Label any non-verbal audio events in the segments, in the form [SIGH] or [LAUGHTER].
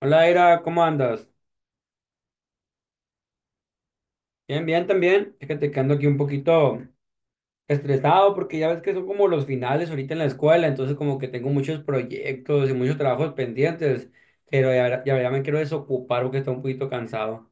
Hola, Ira, ¿cómo andas? Bien, bien, también. Fíjate que ando aquí un poquito estresado porque ya ves que son como los finales ahorita en la escuela, entonces como que tengo muchos proyectos y muchos trabajos pendientes, pero ya, ya, ya me quiero desocupar porque estoy un poquito cansado.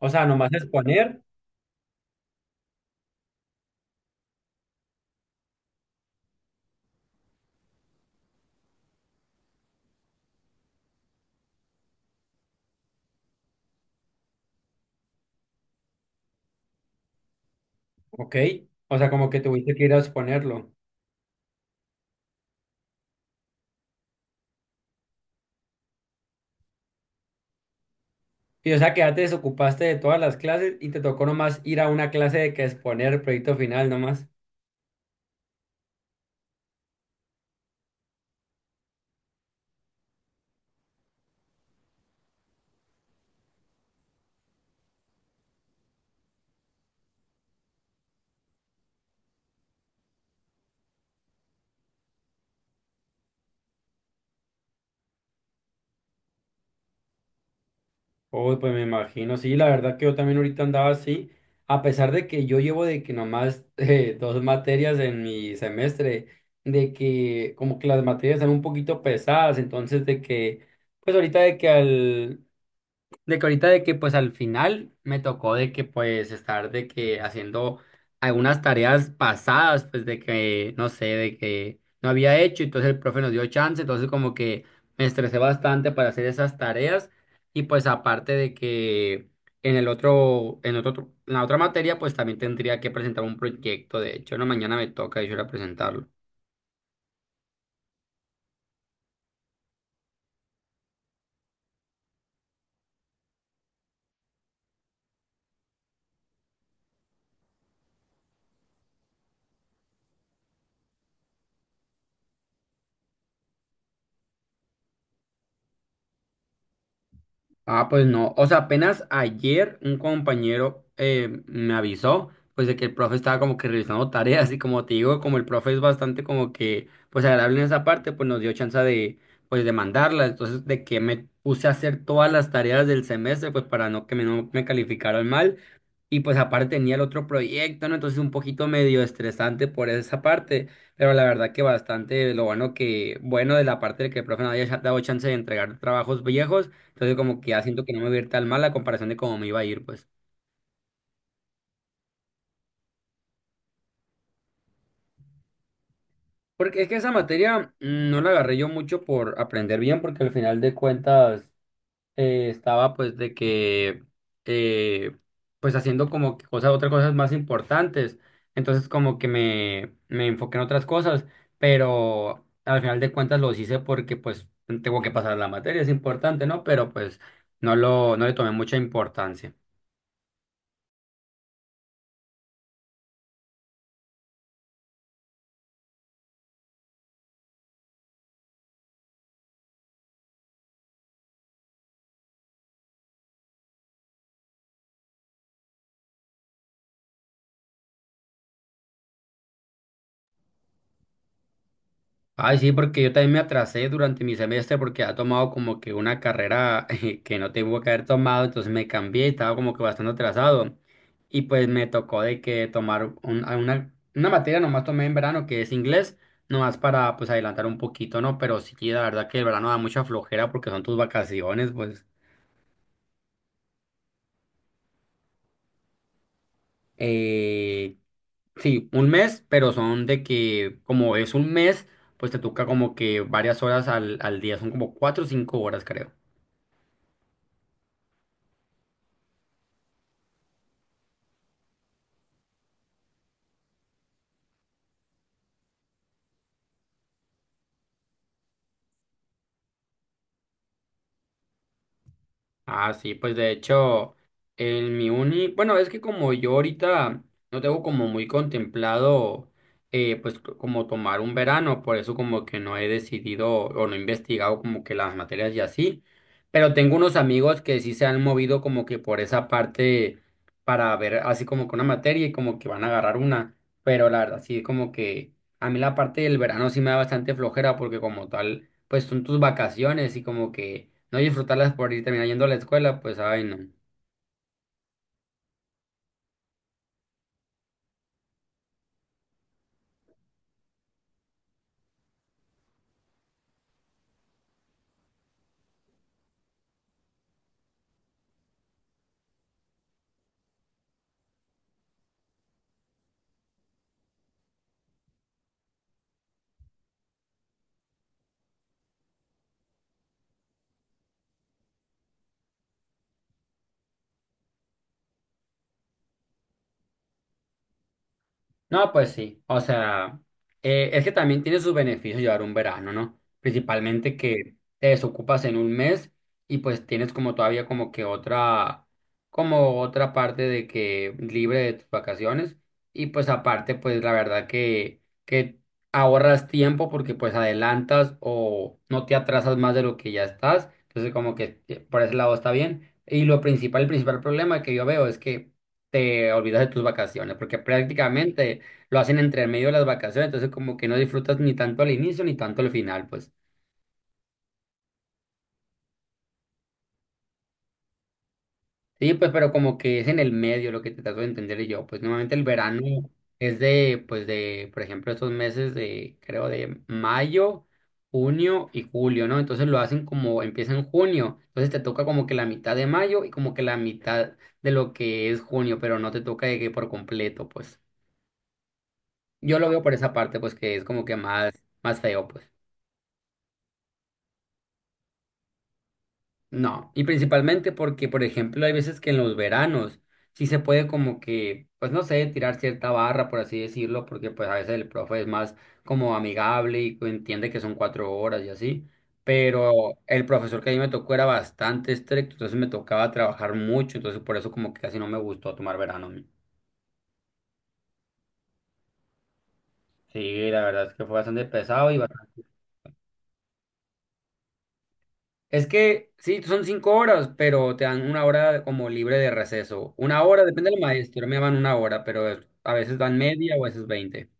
O sea, nomás exponer, ok. O sea, como que tuviste que ir a exponerlo. Y o sea, que ya te desocupaste de todas las clases y te tocó nomás ir a una clase de que exponer el proyecto final nomás. Uy, pues me imagino, sí, la verdad que yo también ahorita andaba así, a pesar de que yo llevo de que nomás [LAUGHS] dos materias en mi semestre, de que como que las materias están un poquito pesadas, entonces de que, pues ahorita de que al, de que ahorita de que pues al final me tocó de que pues estar de que haciendo algunas tareas pasadas, pues de que no sé, de que no había hecho, entonces el profe nos dio chance, entonces como que me estresé bastante para hacer esas tareas y pues aparte de que en el otro, en otro, en la otra materia pues también tendría que presentar un proyecto, de hecho, no, mañana me toca yo ir a presentarlo. Ah, pues no. O sea, apenas ayer un compañero me avisó, pues de que el profe estaba como que revisando tareas y como te digo, como el profe es bastante como que, pues agradable en esa parte, pues nos dio chance de, pues de mandarla. Entonces, de que me puse a hacer todas las tareas del semestre, pues para no me calificaran mal. Y pues aparte tenía el otro proyecto, ¿no? Entonces un poquito medio estresante por esa parte, pero la verdad que bastante lo bueno que, bueno de la parte de que el profe no haya dado chance de entregar trabajos viejos, entonces como que ya siento que no me va a ir tan mal la comparación de cómo me iba a ir, pues. Porque es que esa materia no la agarré yo mucho por aprender bien, porque al final de cuentas estaba pues de que eh, pues haciendo como que cosas, otras cosas más importantes. Entonces como que me enfoqué en otras cosas, pero al final de cuentas los hice porque pues tengo que pasar la materia, es importante, ¿no? Pero pues no le tomé mucha importancia. Ay, sí, porque yo también me atrasé durante mi semestre porque ha tomado como que una carrera [LAUGHS] que no tengo que haber tomado, entonces me cambié y estaba como que bastante atrasado. Y pues me tocó de que tomar una materia nomás tomé en verano que es inglés, nomás para pues adelantar un poquito, ¿no? Pero sí, la verdad que el verano da mucha flojera porque son tus vacaciones, pues eh, sí, un mes, pero son de que como es un mes, pues te toca como que varias horas al día, son como cuatro o cinco horas, creo. Ah, sí, pues de hecho, en mi uni, bueno, es que como yo ahorita no tengo como muy contemplado, pues como tomar un verano, por eso como que no he decidido o no he investigado como que las materias y así, pero tengo unos amigos que sí se han movido como que por esa parte para ver así como que una materia y como que van a agarrar una, pero la verdad sí como que a mí la parte del verano sí me da bastante flojera porque como tal pues son tus vacaciones y como que no disfrutarlas por ir terminando yendo a la escuela, pues ay no. No, pues sí. O sea, es que también tiene sus beneficios llevar un verano, ¿no? Principalmente que te desocupas en un mes y pues tienes como todavía como que otra, como otra parte de que libre de tus vacaciones. Y pues aparte, pues la verdad que ahorras tiempo porque pues adelantas o no te atrasas más de lo que ya estás. Entonces como que por ese lado está bien. Y lo principal, el principal problema que yo veo es que te olvidas de tus vacaciones, porque prácticamente lo hacen entre medio de las vacaciones, entonces como que no disfrutas ni tanto al inicio ni tanto al final, pues. Sí, pues, pero como que es en el medio lo que te trato de entender yo, pues normalmente el verano es de, pues de, por ejemplo, estos meses de, creo, de mayo, junio y julio, ¿no? Entonces lo hacen como, empieza en junio, entonces te toca como que la mitad de mayo y como que la mitad de lo que es junio, pero no te toca de que por completo, pues. Yo lo veo por esa parte, pues que es como que más, más feo, pues. No, y principalmente porque, por ejemplo, hay veces que en los veranos sí se puede como que, pues no sé, tirar cierta barra, por así decirlo, porque pues a veces el profe es más como amigable y entiende que son cuatro horas y así, pero el profesor que a mí me tocó era bastante estricto, entonces me tocaba trabajar mucho, entonces por eso como que casi no me gustó tomar verano. A mí. Sí, la verdad es que fue bastante pesado y bastante... Es que sí, son cinco horas, pero te dan una hora como libre de receso. Una hora, depende del maestro, me daban una hora, pero a veces dan media o a veces veinte.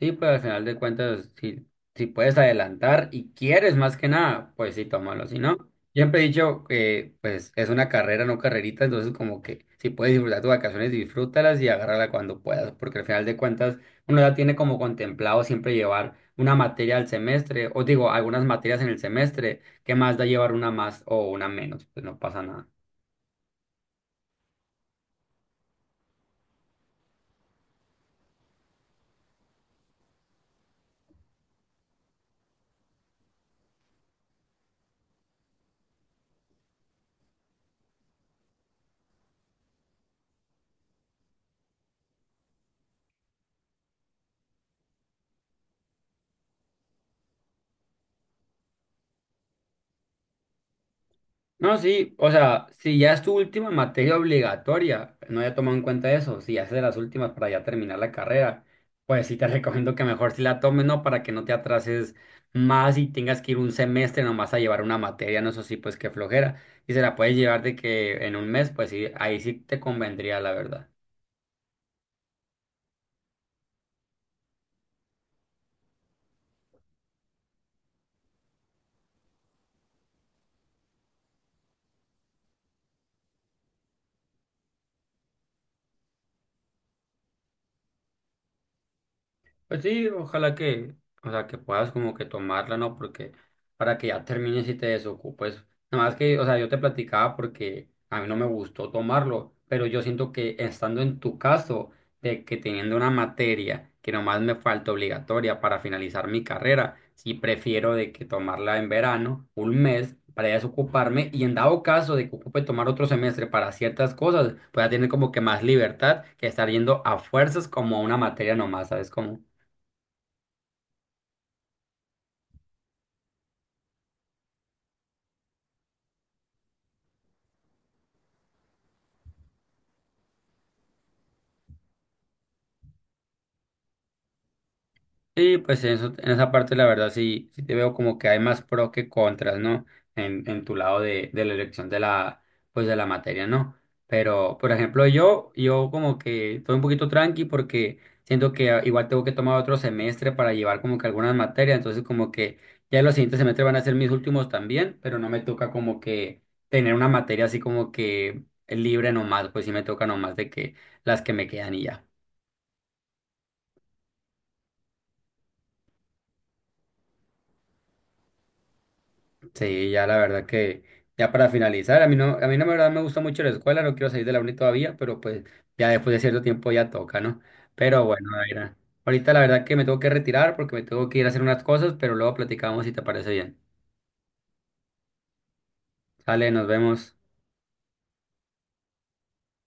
Sí, pues al final de cuentas, si puedes adelantar y quieres más que nada, pues sí, tómalo. Si no, siempre he dicho que pues es una carrera, no carrerita, entonces como que si puedes disfrutar tus vacaciones, disfrútalas y agárrala cuando puedas, porque al final de cuentas uno ya tiene como contemplado siempre llevar una materia al semestre, o digo, algunas materias en el semestre, ¿qué más da llevar una más o una menos? Pues no pasa nada. No, sí, o sea, si ya es tu última materia obligatoria, no haya tomado en cuenta eso, si ya es de las últimas para ya terminar la carrera, pues sí te [LAUGHS] recomiendo que mejor sí la tomes, ¿no? Para que no te atrases más y tengas que ir un semestre nomás a llevar una materia, no, eso sí, pues qué flojera. Y se la puedes llevar de que en un mes, pues sí, ahí sí te convendría, la verdad. Pues sí, ojalá que, o sea, que puedas como que tomarla, ¿no? Porque para que ya termines y te desocupes. Nada más que, o sea, yo te platicaba porque a mí no me gustó tomarlo, pero yo siento que estando en tu caso, de que teniendo una materia que nomás me falta obligatoria para finalizar mi carrera, sí prefiero de que tomarla en verano, un mes, para ya desocuparme y en dado caso de que ocupe tomar otro semestre para ciertas cosas, pues ya tener como que más libertad que estar yendo a fuerzas como a una materia nomás, ¿sabes cómo? Sí, pues en eso, en esa parte la verdad sí, sí te veo como que hay más pro que contras, ¿no? En tu lado de la elección de la, pues de la materia, ¿no? Pero, por ejemplo, yo como que estoy un poquito tranqui porque siento que ah, igual tengo que tomar otro semestre para llevar como que algunas materias, entonces como que ya los siguientes semestres van a ser mis últimos también, pero no me toca como que tener una materia así como que libre nomás, pues sí me toca nomás de que las que me quedan y ya. Sí, ya la verdad que, ya para finalizar, a mí no, la verdad me gusta mucho la escuela, no quiero salir de la uni todavía, pero pues ya después de cierto tiempo ya toca, ¿no? Pero bueno, Daira, ahorita la verdad que me tengo que retirar porque me tengo que ir a hacer unas cosas, pero luego platicamos si te parece bien. Sale, nos vemos.